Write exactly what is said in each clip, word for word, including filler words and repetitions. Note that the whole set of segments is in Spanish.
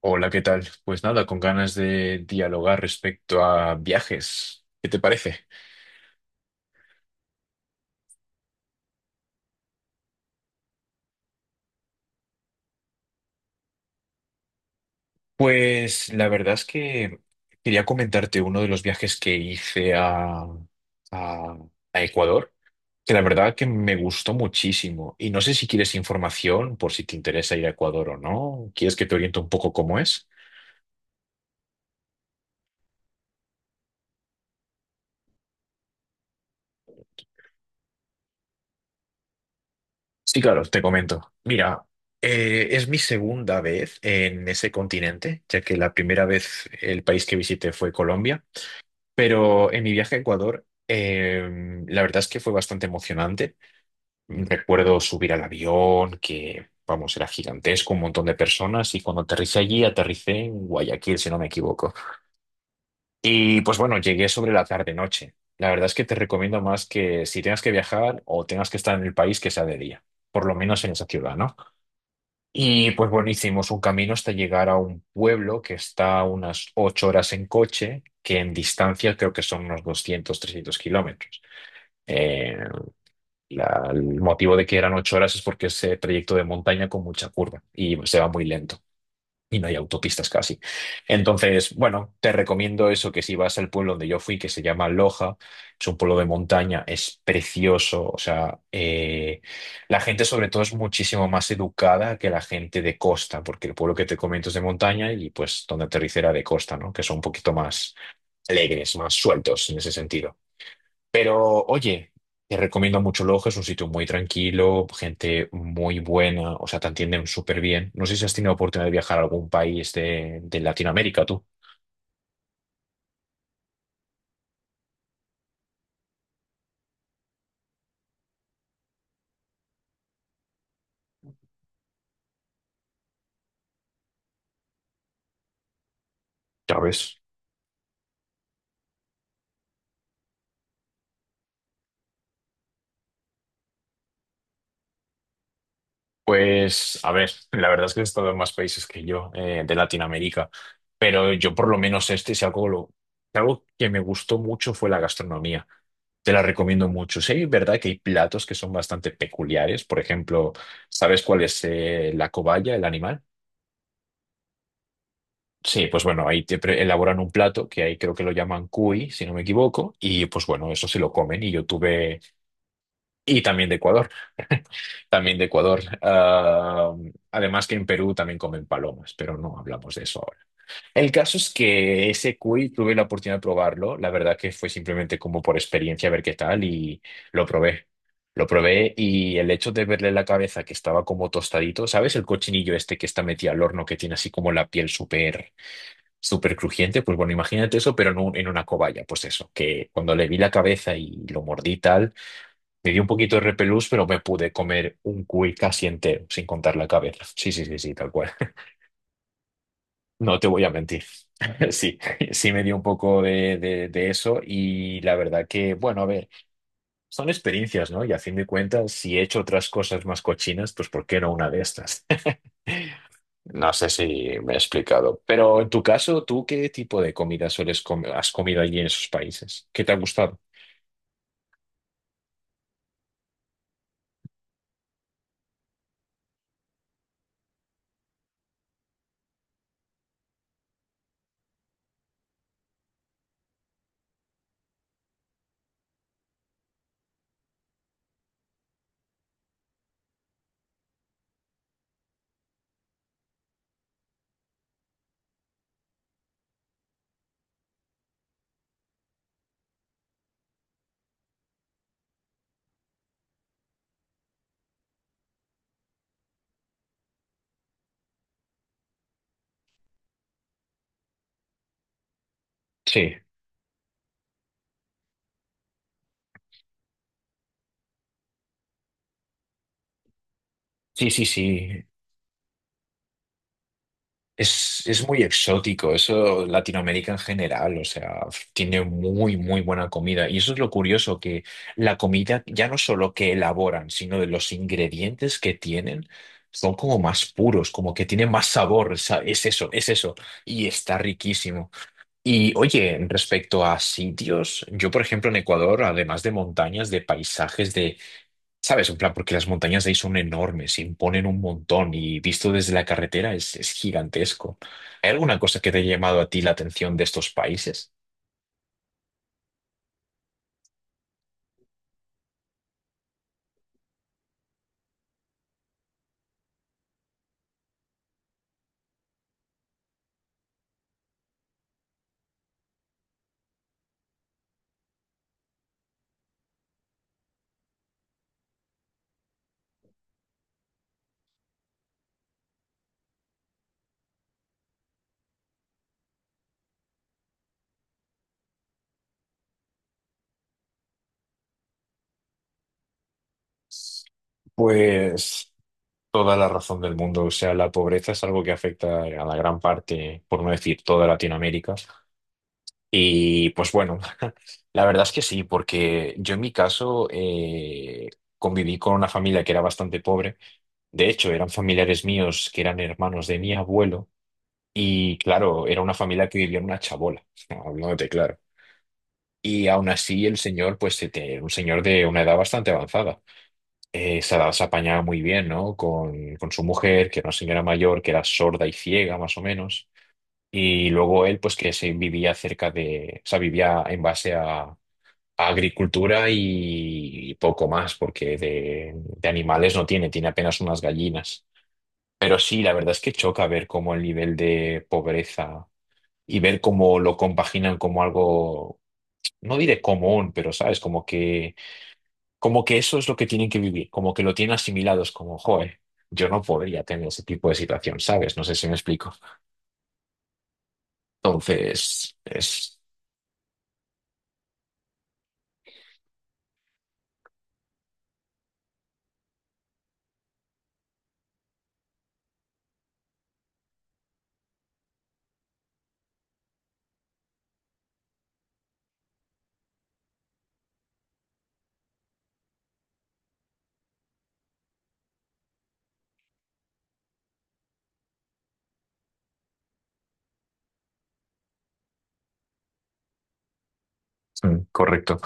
Hola, ¿qué tal? Pues nada, con ganas de dialogar respecto a viajes. ¿Qué te parece? Pues la verdad es que quería comentarte uno de los viajes que hice a, a, a Ecuador, que la verdad que me gustó muchísimo. Y no sé si quieres información por si te interesa ir a Ecuador o no. ¿Quieres que te oriente un poco cómo es? Sí, claro, te comento. Mira, eh, es mi segunda vez en ese continente, ya que la primera vez el país que visité fue Colombia. Pero en mi viaje a Ecuador, em, la verdad es que fue bastante emocionante. Recuerdo subir al avión, que, vamos, era gigantesco, un montón de personas, y cuando aterricé allí, aterricé en Guayaquil, si no me equivoco. Y pues bueno, llegué sobre la tarde-noche. La verdad es que te recomiendo más que si tengas que viajar o tengas que estar en el país, que sea de día, por lo menos en esa ciudad, ¿no? Y pues bueno, hicimos un camino hasta llegar a un pueblo que está a unas ocho horas en coche, que en distancia creo que son unos doscientos trescientos kilómetros. Eh, la- el motivo de que eran ocho horas es porque es eh, trayecto de montaña con mucha curva y se va muy lento y no hay autopistas casi. Entonces, bueno, te recomiendo eso, que si vas al pueblo donde yo fui, que se llama Loja, es un pueblo de montaña, es precioso, o sea, eh, la gente sobre todo es muchísimo más educada que la gente de costa, porque el pueblo que te comento es de montaña y pues donde aterricera de costa, ¿no? Que son un poquito más alegres, más sueltos en ese sentido. Pero oye, te recomiendo mucho Loja, es un sitio muy tranquilo, gente muy buena, o sea, te atienden súper bien. No sé si has tenido oportunidad de viajar a algún país de, de Latinoamérica, tú. Ya ves. Pues, a ver, la verdad es que he estado en más países que yo eh, de Latinoamérica, pero yo por lo menos este, si algo, lo- si algo que me gustó mucho fue la gastronomía. Te la recomiendo mucho. Sí, es verdad que hay platos que son bastante peculiares. Por ejemplo, ¿sabes cuál es eh, la cobaya, el animal? Sí, pues bueno, ahí te pre- elaboran un plato que ahí creo que lo llaman cuy, si no me equivoco, y pues bueno, eso se lo comen y yo tuve, y también de Ecuador, también de Ecuador. Ah, además que en Perú también comen palomas, pero no hablamos de eso ahora. El caso es que ese cuy tuve la oportunidad de probarlo, la verdad que fue simplemente como por experiencia a ver qué tal y lo probé. Lo probé y el hecho de verle la cabeza que estaba como tostadito, ¿sabes? El cochinillo este que está metido al horno, que tiene así como la piel súper súper crujiente, pues bueno, imagínate eso, pero en, un- en una cobaya, pues eso, que cuando le vi la cabeza y lo mordí y tal, me dio un poquito de repelús, pero me pude comer un cuy casi entero, sin contar la cabeza. Sí, sí, sí, sí, tal cual. No te voy a mentir. Sí, sí me dio un poco de, de, de eso y la verdad que, bueno, a ver, son experiencias, ¿no? Y a fin de cuentas, si he hecho otras cosas más cochinas, pues ¿por qué no una de estas? No sé si me he explicado, pero en tu caso, ¿tú qué tipo de comida sueles comer, has comido allí en esos países? ¿Qué te ha gustado? Sí, sí, sí, sí. Es, es muy exótico, eso Latinoamérica en general, o sea, tiene muy, muy buena comida. Y eso es lo curioso, que la comida ya no solo que elaboran, sino de los ingredientes que tienen, son como más puros, como que tienen más sabor, o sea, es eso, es eso. Y está riquísimo. Y oye, respecto a sitios, yo por ejemplo en Ecuador, además de montañas, de paisajes, de, ¿sabes? En plan, porque las montañas de ahí son enormes, imponen un montón y visto desde la carretera es, es gigantesco. ¿Hay alguna cosa que te haya llamado a ti la atención de estos países? Pues toda la razón del mundo, o sea, la pobreza es algo que afecta a la gran parte, por no decir toda Latinoamérica. Y pues bueno, la verdad es que sí, porque yo en mi caso eh, conviví con una familia que era bastante pobre. De hecho, eran familiares míos que eran hermanos de mi abuelo. Y claro, era una familia que vivía en una chabola, hablándote claro. Y aún así el señor, pues se te- un señor de una edad bastante avanzada. Eh, esa se apañaba muy bien, ¿no? Con, con su mujer, que era una señora mayor, que era sorda y ciega, más o menos. Y luego él, pues que se vivía cerca de, o sea, vivía en base a agricultura y poco más, porque de, de animales no tiene, tiene apenas unas gallinas. Pero sí, la verdad es que choca ver cómo el nivel de pobreza y ver cómo lo compaginan como algo, no diré común, pero sabes, como que, como que eso es lo que tienen que vivir, como que lo tienen asimilados, como, joe, yo no podría tener ese tipo de situación, ¿sabes? No sé si me explico. Entonces, es mm, correcto.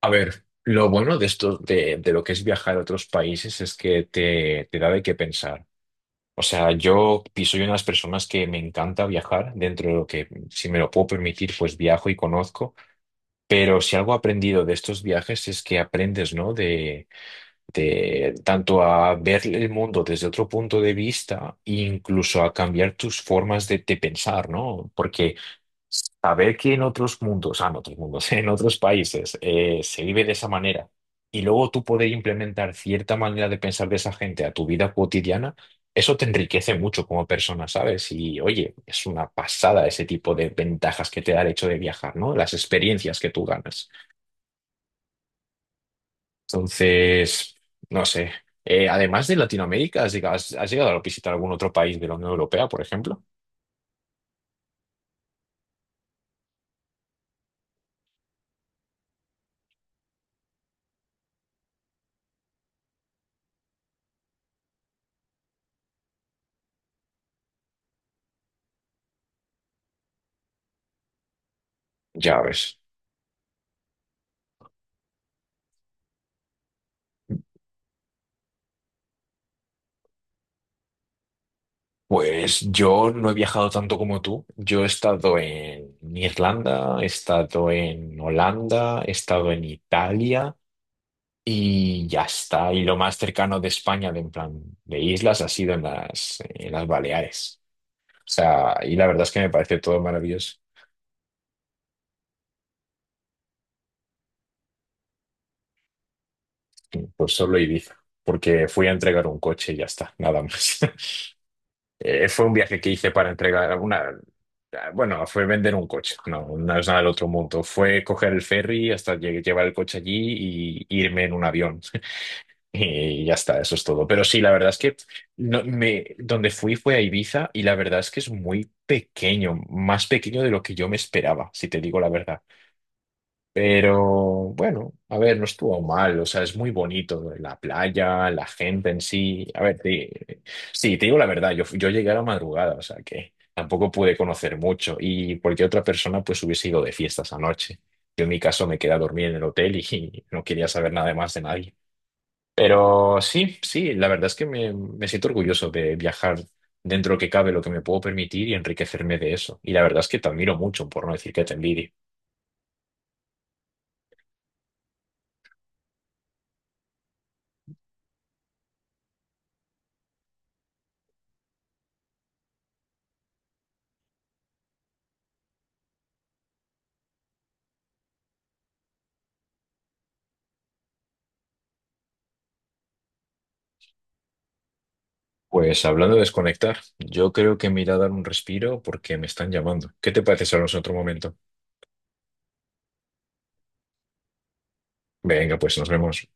A ver, lo bueno de esto, de, de lo que es viajar a otros países es que te, te da de qué pensar. O sea, yo y soy una de las personas que me encanta viajar, dentro de lo que, si me lo puedo permitir, pues viajo y conozco. Pero si algo he aprendido de estos viajes es que aprendes, ¿no? De, de tanto a ver el mundo desde otro punto de vista, e incluso a cambiar tus formas de, de pensar, ¿no? Porque saber que en otros mundos, ah, en otros mundos, en otros países eh, se vive de esa manera y luego tú poder implementar cierta manera de pensar de esa gente a tu vida cotidiana, eso te enriquece mucho como persona, ¿sabes? Y oye, es una pasada ese tipo de ventajas que te da el hecho de viajar, ¿no? Las experiencias que tú ganas. Entonces, no sé. Eh, además de Latinoamérica, ¿has llegado, has llegado a visitar algún otro país de la Unión Europea, por ejemplo? Ya ves. Pues yo no he viajado tanto como tú. Yo he estado en Irlanda, he estado en Holanda, he estado en Italia y ya está. Y lo más cercano de España, de en plan de islas, ha sido en las, en las Baleares. O sea, y la verdad es que me parece todo maravilloso. Pues solo Ibiza, porque fui a entregar un coche y ya está, nada más. Eh, fue un viaje que hice para entregar una... Bueno, fue vender un coche, no, no es nada del otro mundo. Fue coger el ferry hasta lle- llevar el coche allí y irme en un avión. Y ya está, eso es todo. Pero sí, la verdad es que no, me, donde fui fue a Ibiza y la verdad es que es muy pequeño, más pequeño de lo que yo me esperaba, si te digo la verdad. Pero bueno, a ver, no estuvo mal, o sea, es muy bonito, la playa, la gente en sí. A ver, te- sí, te digo la verdad, yo, yo llegué a la madrugada, o sea, que tampoco pude conocer mucho y cualquier otra persona pues hubiese ido de fiestas anoche. Yo en mi caso me quedé a dormir en el hotel y no quería saber nada más de nadie. Pero sí, sí, la verdad es que me, me siento orgulloso de viajar dentro que cabe lo que me puedo permitir y enriquecerme de eso. Y la verdad es que te admiro mucho, por no decir que te envidio. Pues hablando de desconectar, yo creo que me iré a dar un respiro porque me están llamando. ¿Qué te parece si hablamos en otro momento? Venga, pues nos vemos.